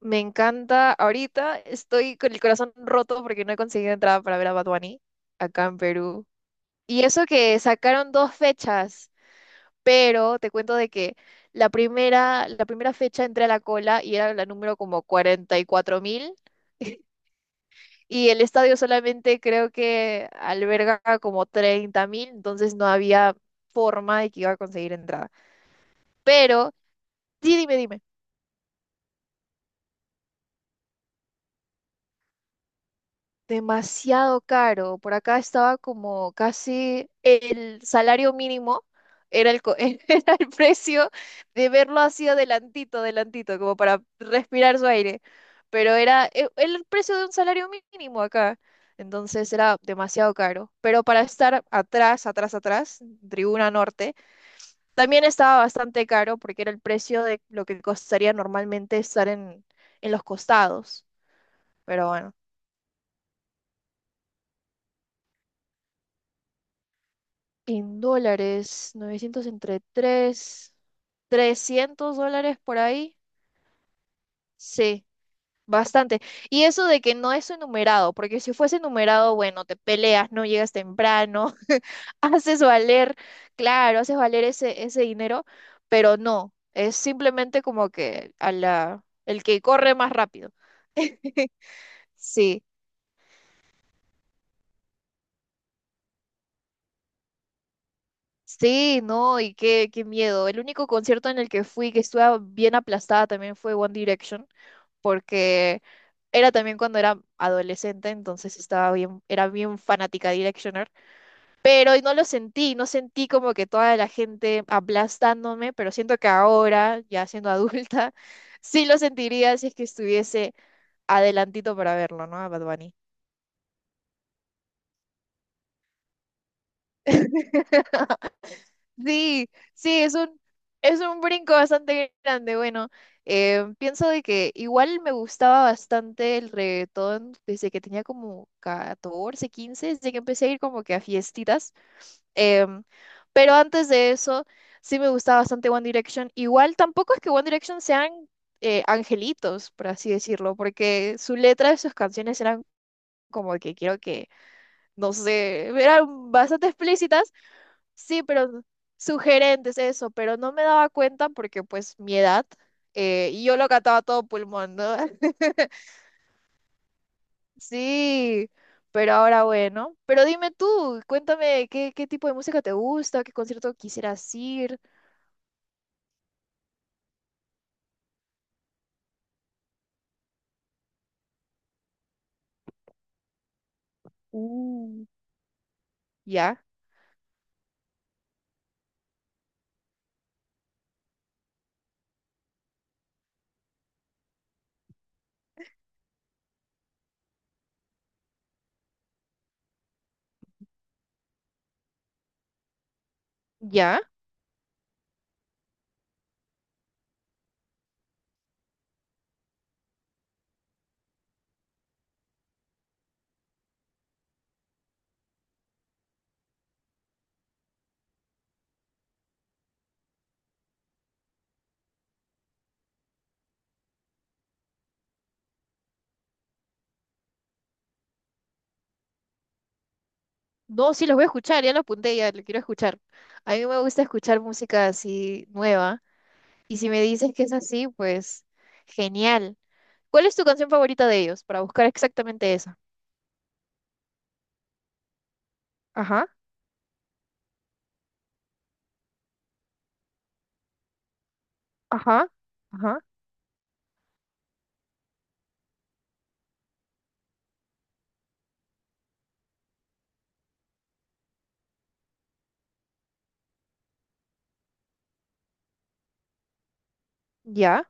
Me encanta. Ahorita estoy con el corazón roto porque no he conseguido entrada para ver a Bad Bunny acá en Perú. Y eso que sacaron dos fechas, pero te cuento de que la primera fecha entré a la cola y era la número como 44 mil. Y el estadio solamente creo que alberga como 30 mil, entonces no había forma de que iba a conseguir entrada. Pero, sí, dime. Demasiado caro. Por acá estaba como casi el salario mínimo, era era el precio de verlo así adelantito, adelantito, como para respirar su aire. Pero era el precio de un salario mínimo acá. Entonces era demasiado caro. Pero para estar atrás, atrás, atrás, Tribuna Norte, también estaba bastante caro porque era el precio de lo que costaría normalmente estar en los costados. Pero bueno. En dólares, 900 entre 3 300 dólares por ahí. Sí, bastante. Y eso de que no es enumerado, porque si fuese enumerado, bueno, te peleas, no llegas temprano, haces valer, claro, haces valer ese dinero, pero no, es simplemente como que a la, el que corre más rápido. Sí. Sí, no, y qué, qué miedo. El único concierto en el que fui que estuve bien aplastada también fue One Direction porque era también cuando era adolescente, entonces estaba bien, era bien fanática de Directioner, pero no lo sentí, no sentí como que toda la gente aplastándome, pero siento que ahora, ya siendo adulta, sí lo sentiría si es que estuviese adelantito para verlo, ¿no? A Bad Bunny. Sí, es un brinco bastante grande. Bueno, pienso de que igual me gustaba bastante el reggaetón desde que tenía como 14, 15, desde que empecé a ir como que a fiestitas. Em, pero antes de eso, sí me gustaba bastante One Direction. Igual tampoco es que One Direction sean angelitos, por así decirlo, porque su letra de sus canciones eran como que quiero que, no sé, eran bastante explícitas. Sí, pero sugerentes eso, pero no me daba cuenta porque pues mi edad, y yo lo cantaba a todo pulmón, ¿no? Sí, pero ahora bueno. Pero dime tú, cuéntame qué, qué tipo de música te gusta, qué concierto quisieras ir. Uh, ¿Ya? ¿Ya? No, sí, los voy a escuchar, ya lo apunté, ya lo quiero escuchar. A mí me gusta escuchar música así nueva, y si me dices que es así, pues genial. ¿Cuál es tu canción favorita de ellos para buscar exactamente esa? Ajá. Ajá, ajá, ya.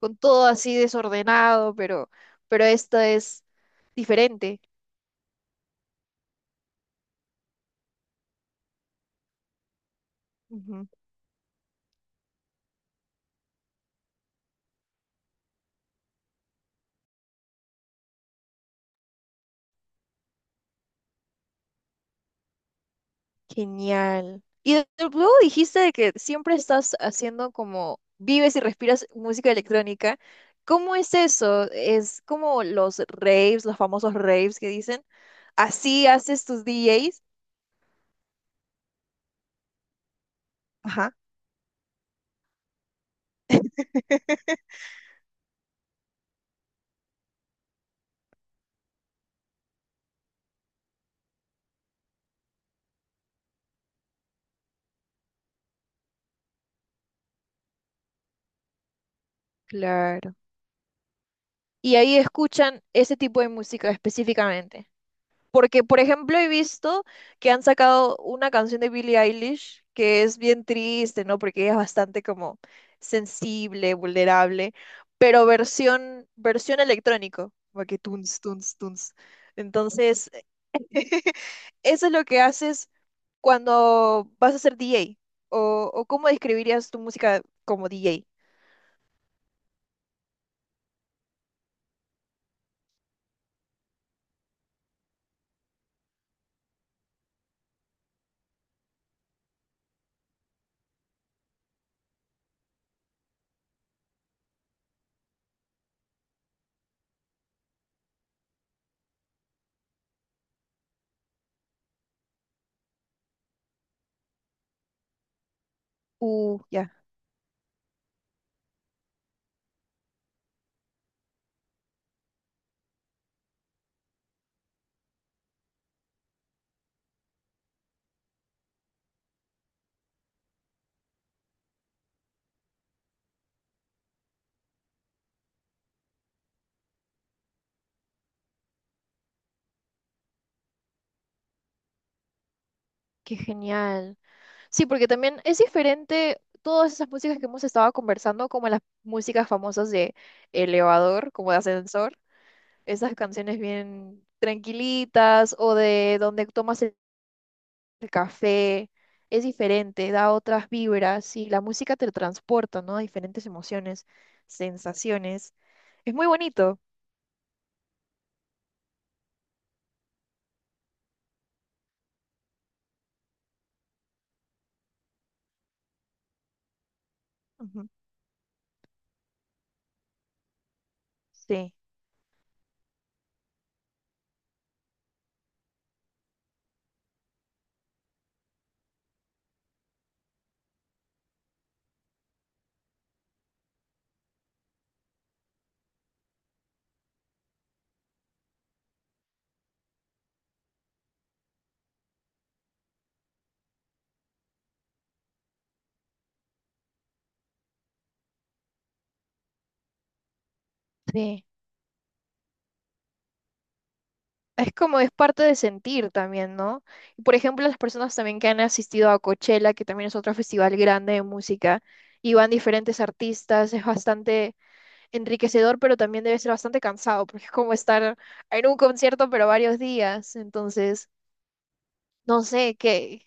Con todo así desordenado, pero esto es diferente. Ujú. Genial. Y luego dijiste de que siempre estás haciendo como vives y respiras música electrónica. ¿Cómo es eso? ¿Es como los raves, los famosos raves que dicen? ¿Así haces tus DJs? Ajá. Claro. Y ahí escuchan ese tipo de música específicamente. Porque, por ejemplo, he visto que han sacado una canción de Billie Eilish que es bien triste, ¿no? Porque ella es bastante como sensible, vulnerable, pero versión electrónico, como que tunes, tunes, tunes. Entonces, eso es lo que haces cuando vas a ser DJ. O cómo describirías tu música como DJ? Ya, qué genial. Sí, porque también es diferente todas esas músicas que hemos estado conversando, como las músicas famosas de elevador, como de ascensor, esas canciones bien tranquilitas o de donde tomas el café, es diferente, da otras vibras y la música te transporta, ¿no? A diferentes emociones, sensaciones. Es muy bonito. Ujú. Sí, sí. Es como es parte de sentir también, ¿no? Y, por ejemplo, las personas también que han asistido a Coachella, que también es otro festival grande de música, y van diferentes artistas, es bastante enriquecedor, pero también debe ser bastante cansado, porque es como estar en un concierto, pero varios días. Entonces, no sé qué.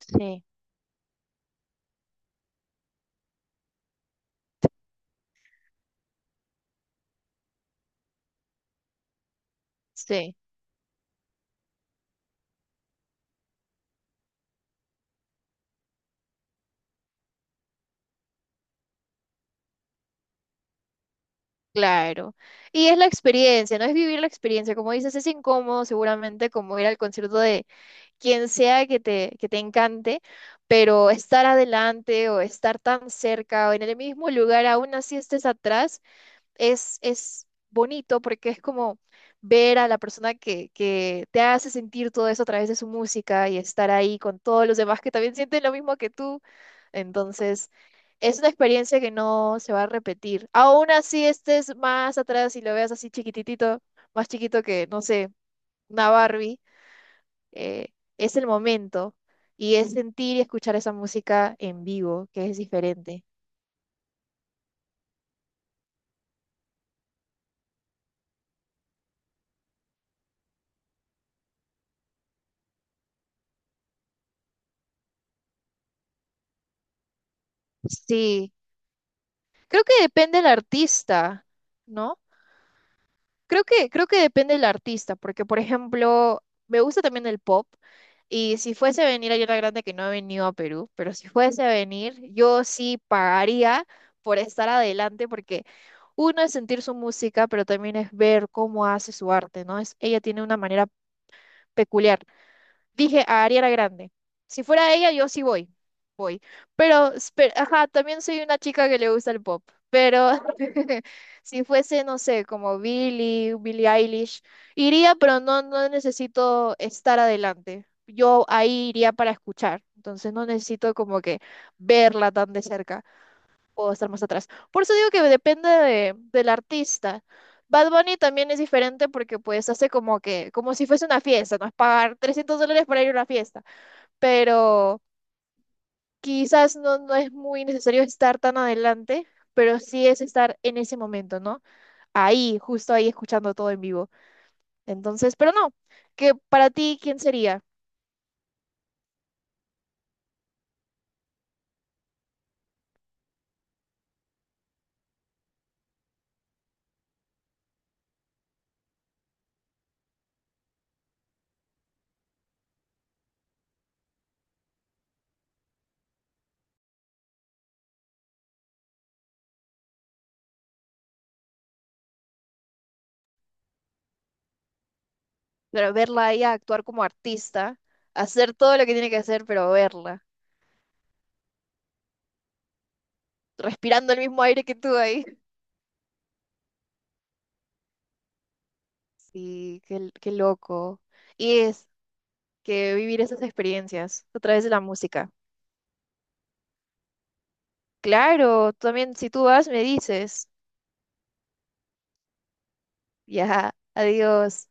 Sí, sí, claro. Y es la experiencia, ¿no? Es vivir la experiencia. Como dices, es incómodo seguramente como ir al concierto de quien sea que que te encante, pero estar adelante o estar tan cerca o en el mismo lugar, aún así estés atrás, es bonito porque es como ver a la persona que te hace sentir todo eso a través de su música y estar ahí con todos los demás que también sienten lo mismo que tú. Entonces, es una experiencia que no se va a repetir. Aún así estés más atrás y lo veas así chiquititito, más chiquito que, no sé, una Barbie eh, es el momento y es sentir y escuchar esa música en vivo, que es diferente. Sí, creo que depende del artista, ¿no? Creo que depende del artista, porque por ejemplo, me gusta también el pop y si fuese a venir a la Grande, que no ha venido a Perú, pero si fuese a venir, yo sí pagaría por estar adelante porque... Uno es sentir su música, pero también es ver cómo hace su arte, ¿no? Es, ella tiene una manera peculiar. Dije a Ariana Grande. Si fuera ella, yo sí voy. Voy. Pero, ajá, también soy una chica que le gusta el pop. Pero si fuese, no sé, como Billie Eilish, iría, pero no, no necesito estar adelante. Yo ahí iría para escuchar. Entonces no necesito como que verla tan de cerca o estar más atrás. Por eso digo que depende del artista. Bad Bunny también es diferente porque pues hace como que, como si fuese una fiesta, no es pagar $300 para ir a una fiesta, pero quizás no, no es muy necesario estar tan adelante, pero sí es estar en ese momento, ¿no? Ahí, justo ahí, escuchando todo en vivo. Entonces, pero no, que para ti, ¿quién sería? Pero verla a ella actuar como artista, hacer todo lo que tiene que hacer, pero verla, respirando el mismo aire que tú ahí. Sí, qué, qué loco. Y es que vivir esas experiencias a través de la música. Claro, tú también, si tú vas, me dices. Ya, adiós.